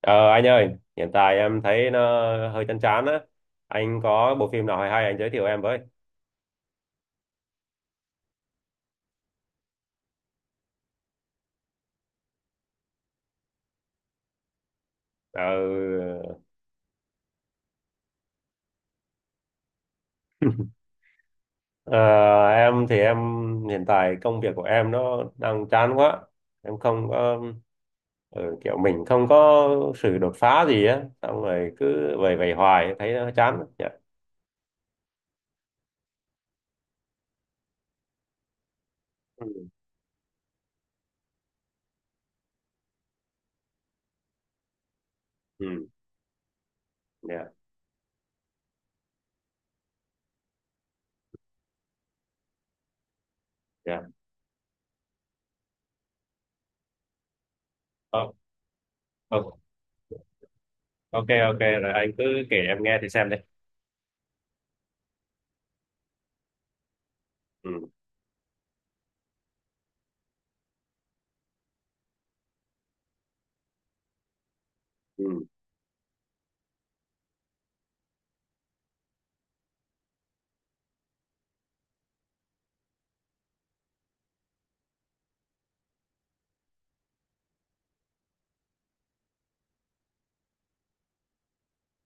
Ờ, anh ơi, hiện tại em thấy nó hơi chán chán á. Anh có bộ phim nào hay hay anh giới thiệu em với. Ờ, ờ, em thì em hiện tại công việc của em nó đang chán quá. Em không có kiểu mình không có sự đột phá gì á, xong rồi cứ vầy vầy hoài thấy nó chán lắm. Dạ. Ừ, ừ, dạ, dạ. Ờ, ờ, ok ok rồi anh cứ kể em nghe thì xem đi. Ừ, ừ,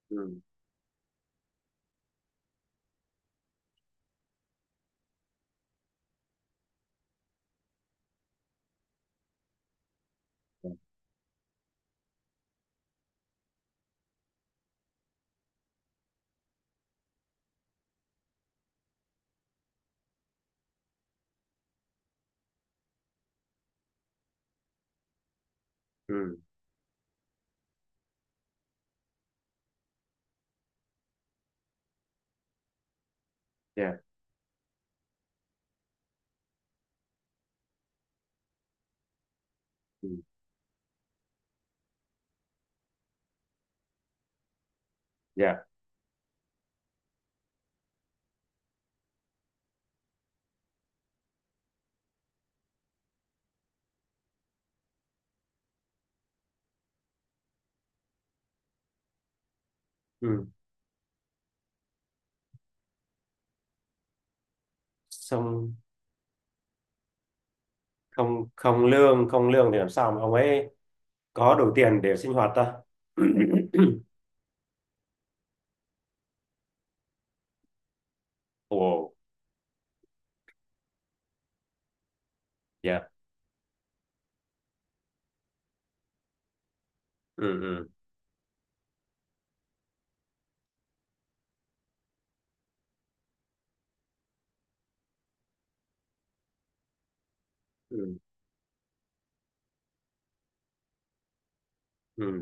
ừ, ừ, dạ, ừ, dạ. Ừ. Xong không không lương không lương thì làm sao mà ông ấy có đủ tiền để sinh hoạt ta. Ồ. Dạ. Ừ, ừ, ừ, ừ.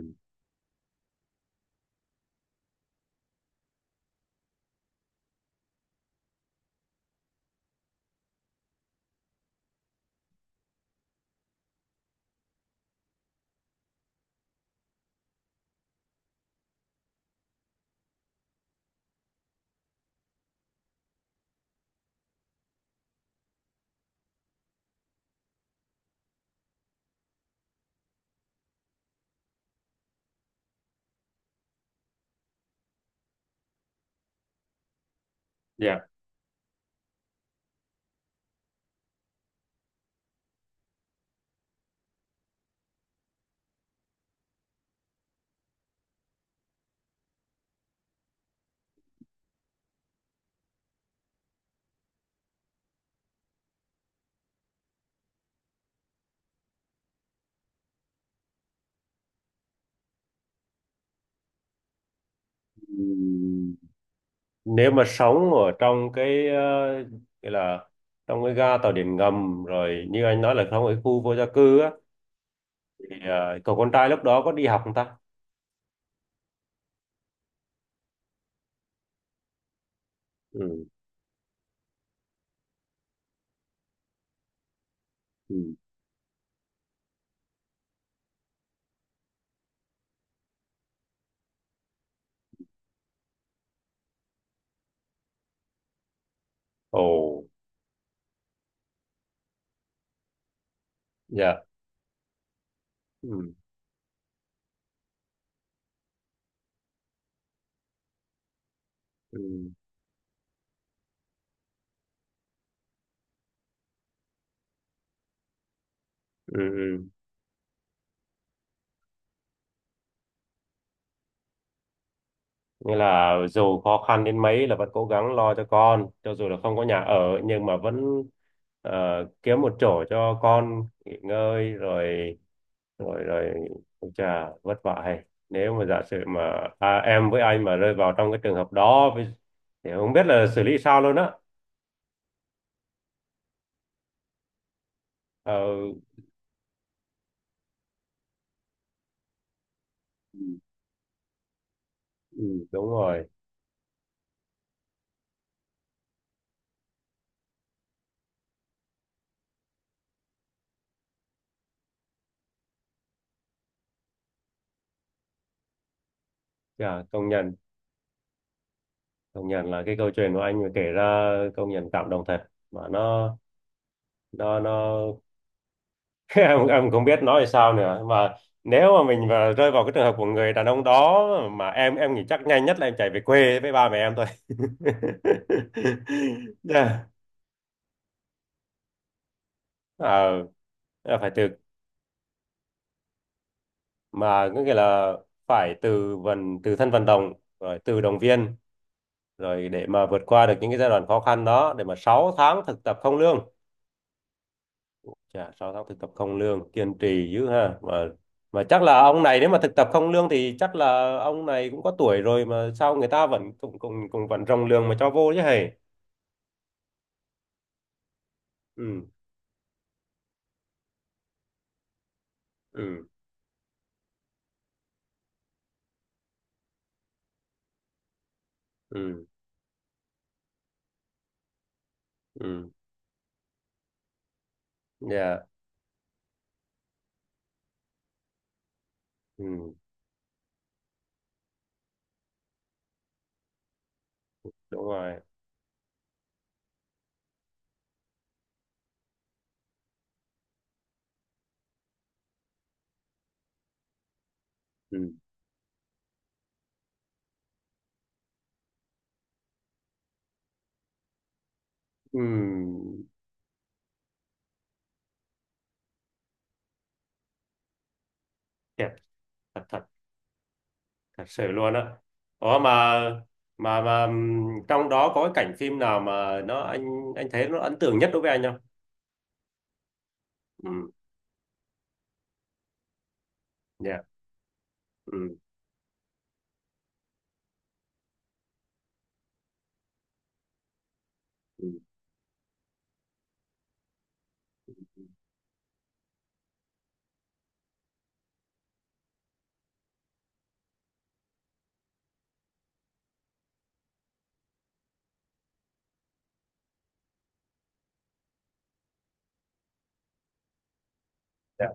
Dạ. Ừm, Nếu mà sống ở trong cái gọi là trong cái ga tàu điện ngầm rồi như anh nói là trong ở khu vô gia cư á, thì cậu con trai lúc đó có đi học không ta? Ừ, ừ. Ồ. Dạ. Ừ, ừ, ừ, ừ. Nghĩa là dù khó khăn đến mấy là vẫn cố gắng lo cho con, cho dù là không có nhà ở, nhưng mà vẫn ờ, kiếm một chỗ cho con nghỉ ngơi. Rồi, rồi, rồi. Ôi chà, vất vả hay. Nếu mà giả sử mà em với anh mà rơi vào trong cái trường hợp đó với- thì không biết là xử lý sao luôn á. Ờ, ừ, ừ, đúng rồi. Chà, công nhận, công nhận là cái câu chuyện của anh mà kể ra công nhận cảm động thật, mà nó. Em không biết nói sao nữa mà, nếu mà mình mà rơi vào cái trường hợp của người đàn ông đó, mà em nghĩ chắc nhanh nhất là em chạy về quê với ba mẹ em thôi. Dạ. Ờ, là phải từ, mà có nghĩa là phải từ vận, từ thân vận động, rồi từ động viên, rồi để mà vượt qua được những cái giai đoạn khó khăn đó, để mà 6 tháng thực tập không lương. Chà, 6 tháng thực tập không lương kiên trì dữ ha mà. Mà chắc là ông này, nếu mà thực tập không lương thì chắc là ông này cũng có tuổi rồi, mà sao người ta vẫn cũng cũng cũng vẫn rồng lương mà cho vô chứ hề. Ừ, ừ, ừ, ừ, dạ, ừ, đúng rồi, ừ, ừ. Thiệt, thật thật thật sự luôn á. Ủa, mà trong đó có cái cảnh phim nào mà nó anh thấy nó ấn tượng nhất đối với anh không? Ừ. Dạ. Ừ. Dạ,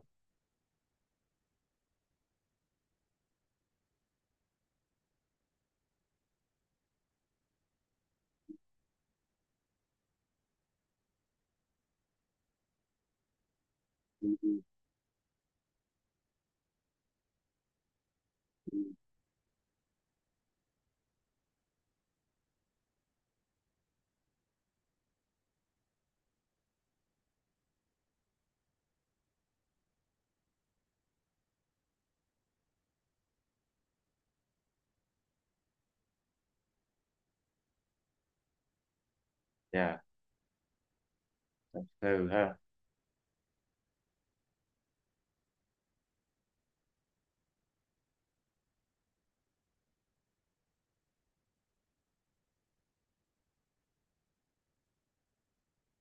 dạ. Ừ ha.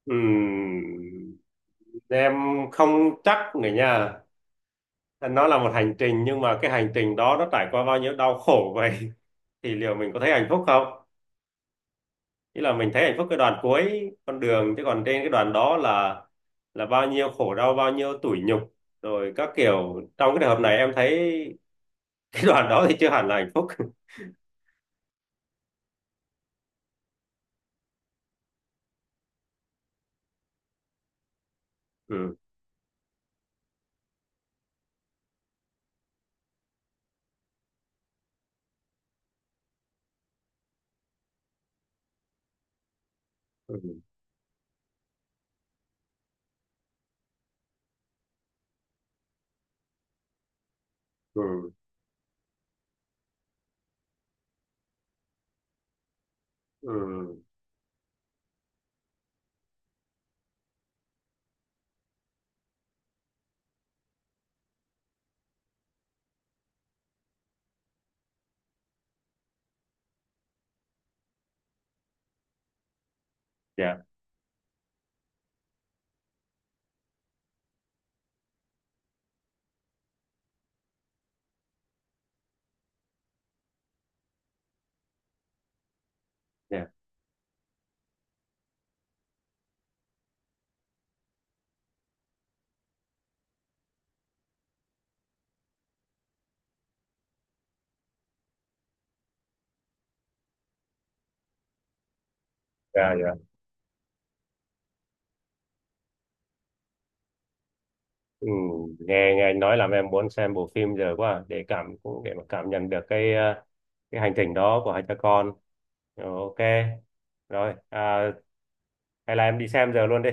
Ừm, em không chắc nữa nha. Nó là một hành trình, nhưng mà cái hành trình đó nó trải qua bao nhiêu đau khổ vậy. Thì liệu mình có thấy hạnh phúc không? Ý là mình thấy hạnh phúc cái đoạn cuối con đường, chứ còn trên cái đoạn đó là bao nhiêu khổ đau, bao nhiêu tủi nhục rồi các kiểu. Trong cái trường hợp này em thấy cái đoạn đó thì chưa hẳn là hạnh phúc. Ừ. Ừ. Ừ. Ừ. Dạ. Dạ. Dạ, dạ. Ừ, nghe nghe anh nói làm em muốn xem bộ phim giờ quá à, để cảm cũng để mà cảm nhận được cái hành trình đó của hai cha con. Ok rồi, hay là em đi xem giờ luôn đi.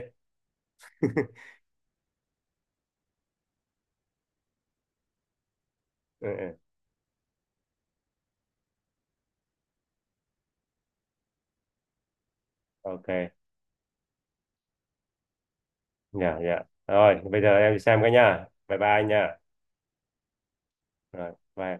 Ừ, ừ, ok. Dạ, dạ rồi bây giờ em đi xem cái nha, bye bye anh nha. Rồi, bye.